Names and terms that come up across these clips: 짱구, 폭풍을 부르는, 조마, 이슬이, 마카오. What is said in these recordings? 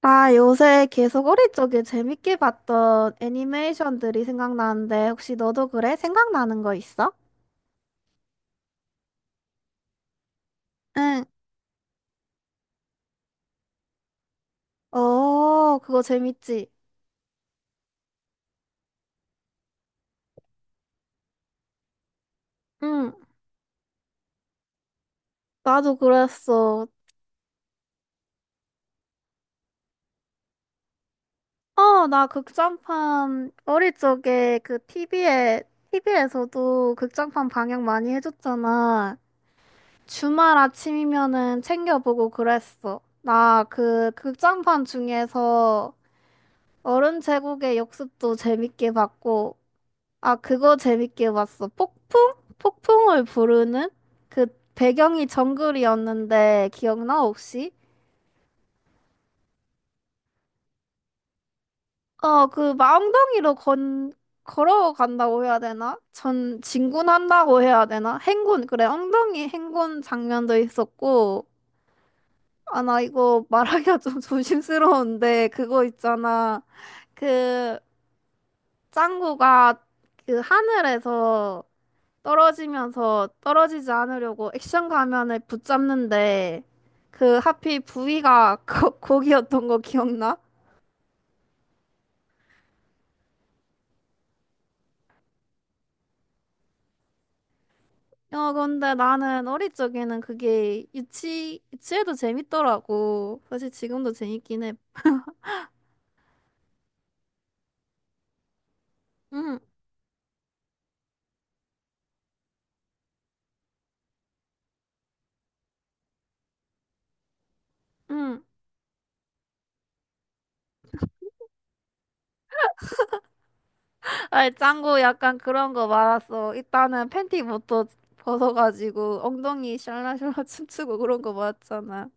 아, 요새 계속 어릴 적에 재밌게 봤던 애니메이션들이 생각나는데, 혹시 너도 그래? 생각나는 거 있어? 응. 어, 그거 재밌지? 응, 나도 그랬어. 어, 나 극장판 어릴 적에 그 TV에서도 극장판 방영 많이 해줬잖아. 주말 아침이면은 챙겨보고 그랬어. 나 그 극장판 중에서 어른 제국의 역습도 재밌게 봤고, 아, 그거 재밌게 봤어. 폭풍? 폭풍을 부르는? 그 배경이 정글이었는데, 기억나, 혹시? 어, 걸어간다고 해야 되나? 전 진군한다고 해야 되나? 행군, 그래, 엉덩이 행군 장면도 있었고, 아, 나 이거 말하기가 좀 조심스러운데, 그거 있잖아. 그 짱구가 그 하늘에서 떨어지면서 떨어지지 않으려고 액션 가면을 붙잡는데 그 하필 부위가 고기였던 거 기억나? 어, 근데 나는 어릴 적에는 그게 유치해도 재밌더라고. 사실 지금도 재밌긴 해. 응, 응. 아이, 짱구 약간 그런 거 많았어. 일단은 팬티부터 벗어가지고 엉덩이 샬라샬라 춤추고 그런 거 많았잖아.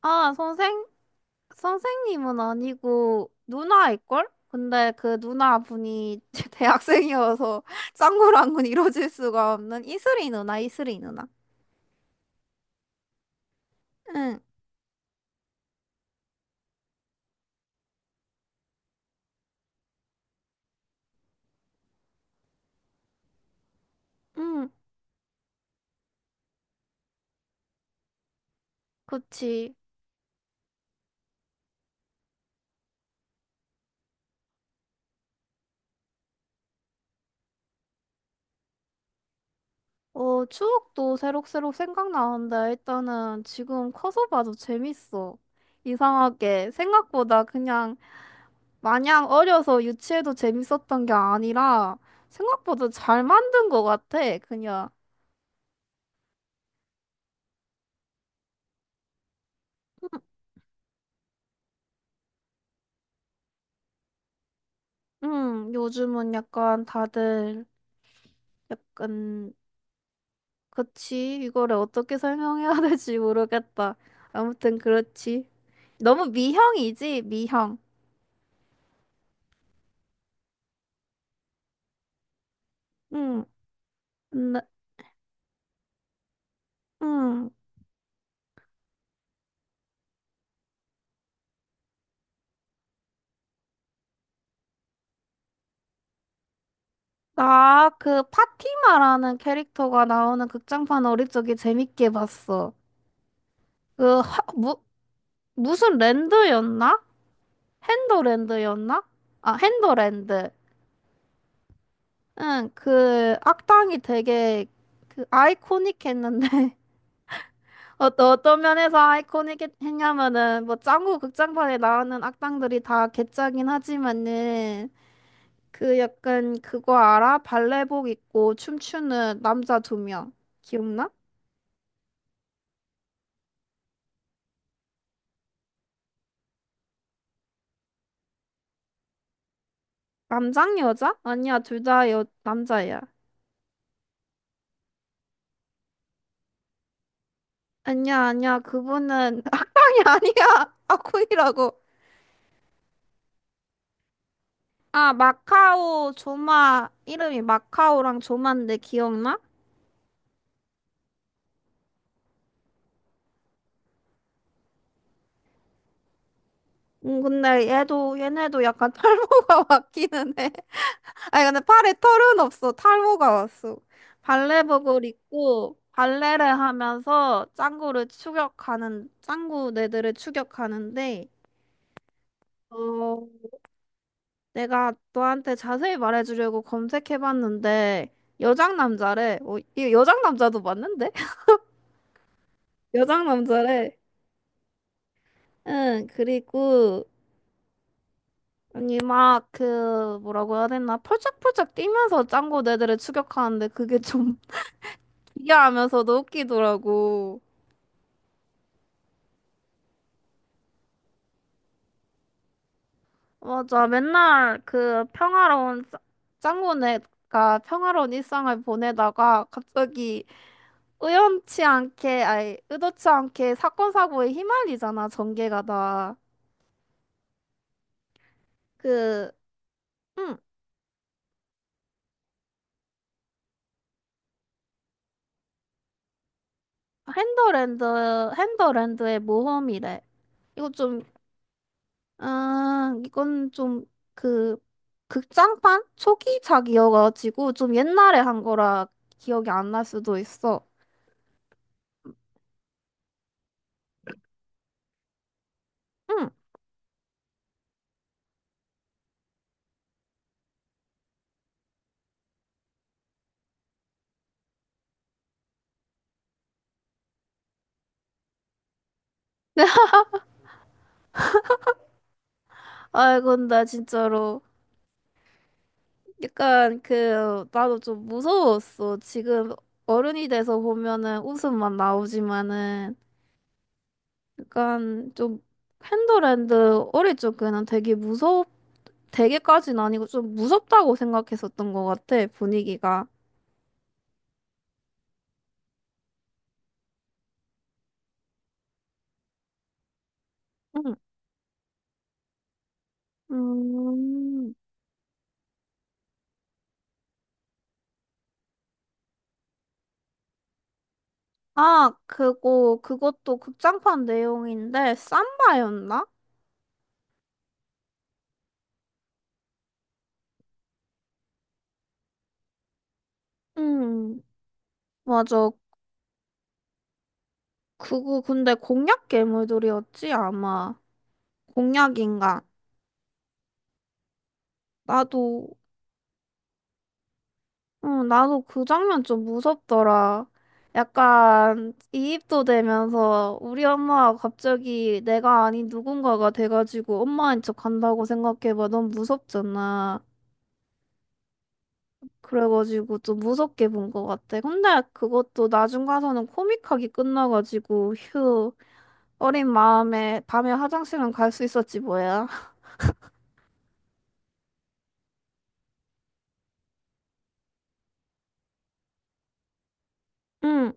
아, 선생 선생님은 아니고 누나일걸? 근데 그 누나분이 대학생이어서 짱구랑은 이루어질 수가 없는 이슬이 누나, 이슬이 누나. 응, 응, 그치. 어, 추억도 새록새록 생각나는데 일단은 지금 커서 봐도 재밌어. 이상하게 생각보다 그냥 마냥 어려서 유치해도 재밌었던 게 아니라 생각보다 잘 만든 것 같아, 그냥. 응, 응, 요즘은 약간 다들 약간, 그치. 이거를 어떻게 설명해야 될지 모르겠다. 아무튼 그렇지. 너무 미형이지, 미형. 응, 나, 응. 나 그 파티마라는 캐릭터가 나오는 극장판 어릴 적에 재밌게 봤어. 그, 하, 무, 무슨 랜드였나? 핸더랜드였나? 아, 핸더랜드. 응, 그 악당이 되게 그 아이코닉했는데 어, 또 어떤 면에서 아이코닉했냐면은 뭐 짱구 극장판에 나오는 악당들이 다 개짜긴 하지만은 그 약간 그거 알아? 발레복 입고 춤추는 남자 두 명. 기억나? 남장 여자? 아니야, 둘 다 여 남자야. 아니야 아니야, 그분은 악당이 아니야. 아코이라고. 아 마카오 조마, 이름이 마카오랑 조마인데 기억나? 근데 얘도 얘네도 약간 탈모가 왔기는 해. 아니 근데 팔에 털은 없어. 탈모가 왔어. 발레복을 입고 발레를 하면서 짱구 네들을 추격하는데 어 내가 너한테 자세히 말해주려고 검색해봤는데 여장 남자래. 어, 이 여장 남자도 맞는데? 여장 남자래. 응 그리고 아니 막 그 뭐라고 해야 되나 펄쩍펄쩍 뛰면서 짱구 네들을 추격하는데 그게 좀 기괴하면서도 웃기더라고. 맞아. 맨날 그 평화로운 짱구네가 평화로운 일상을 보내다가 갑자기 우연치 않게, 아니, 의도치 않게 사건 사고에 휘말리잖아, 전개가 다. 그, 응, 핸더랜드, 핸더랜드의 모험이래. 이거 좀, 이건 좀 그, 극장판? 초기작이어가지고 좀 옛날에 한 거라 기억이 안 날 수도 있어. 응. 아, 근데 진짜로. 약간 그 나도 좀 무서웠어. 지금 어른이 돼서 보면은 웃음만 나오지만은 약간 좀 팬더랜드 어릴 적에는 되게까지는 아니고 좀 무섭다고 생각했었던 것 같아 분위기가. 응. 음. 아 그거 그것도 극장판 내용인데 삼바였나? 응. 맞아. 그거 근데 공약 괴물들이었지 아마. 공약인가? 나도 응, 나도 그 장면 좀 무섭더라. 약간 이입도 되면서 우리 엄마가 갑자기 내가 아닌 누군가가 돼가지고 엄마인 척 간다고 생각해봐. 넌 무섭잖아. 그래가지고 좀 무섭게 본 것 같아. 근데 그것도 나중 가서는 코믹하게 끝나가지고 휴 어린 마음에 밤에 화장실은 갈 수 있었지 뭐야. 응,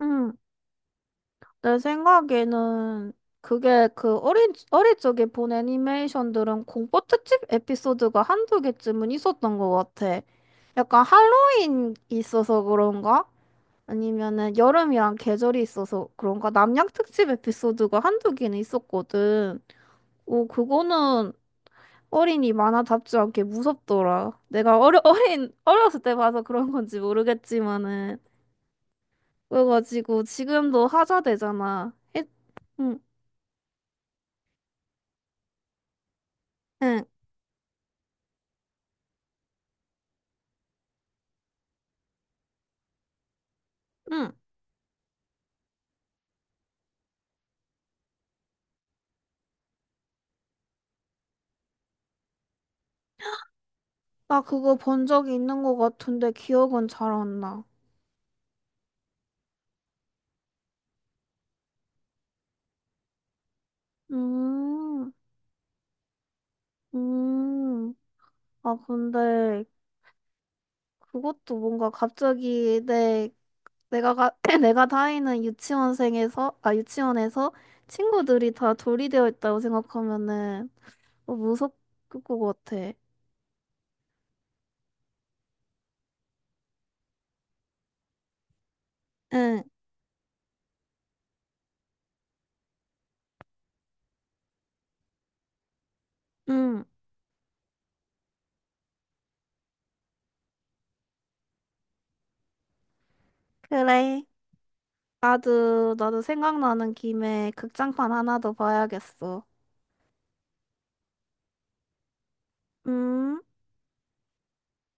응. 내 생각에는 그게 그 어릴 적에 본 애니메이션들은 공포 특집 에피소드가 한두 개쯤은 있었던 것 같아. 약간 할로윈 있어서 그런가? 아니면은 여름이랑 계절이 있어서 그런가? 남양 특집 에피소드가 한두 개는 있었거든. 오, 그거는 어린이 만화답지 않게 무섭더라. 어렸을 때 봐서 그런 건지 모르겠지만은. 그래가지고 지금도 하자 되잖아. 했, 응. 응. 응, 나 그거 본 적이 있는 것 같은데 기억은 잘 안 나. 음, 음. 아, 근데 그것도 뭔가 갑자기 내, 내가, 가, 내가 다니는 유치원에서 친구들이 다 돌이 되어 있다고 생각하면은 어, 무섭을 것 같아. 응, 응, 그래. 나도 생각나는 김에 극장판 하나 더 봐야겠어. 음.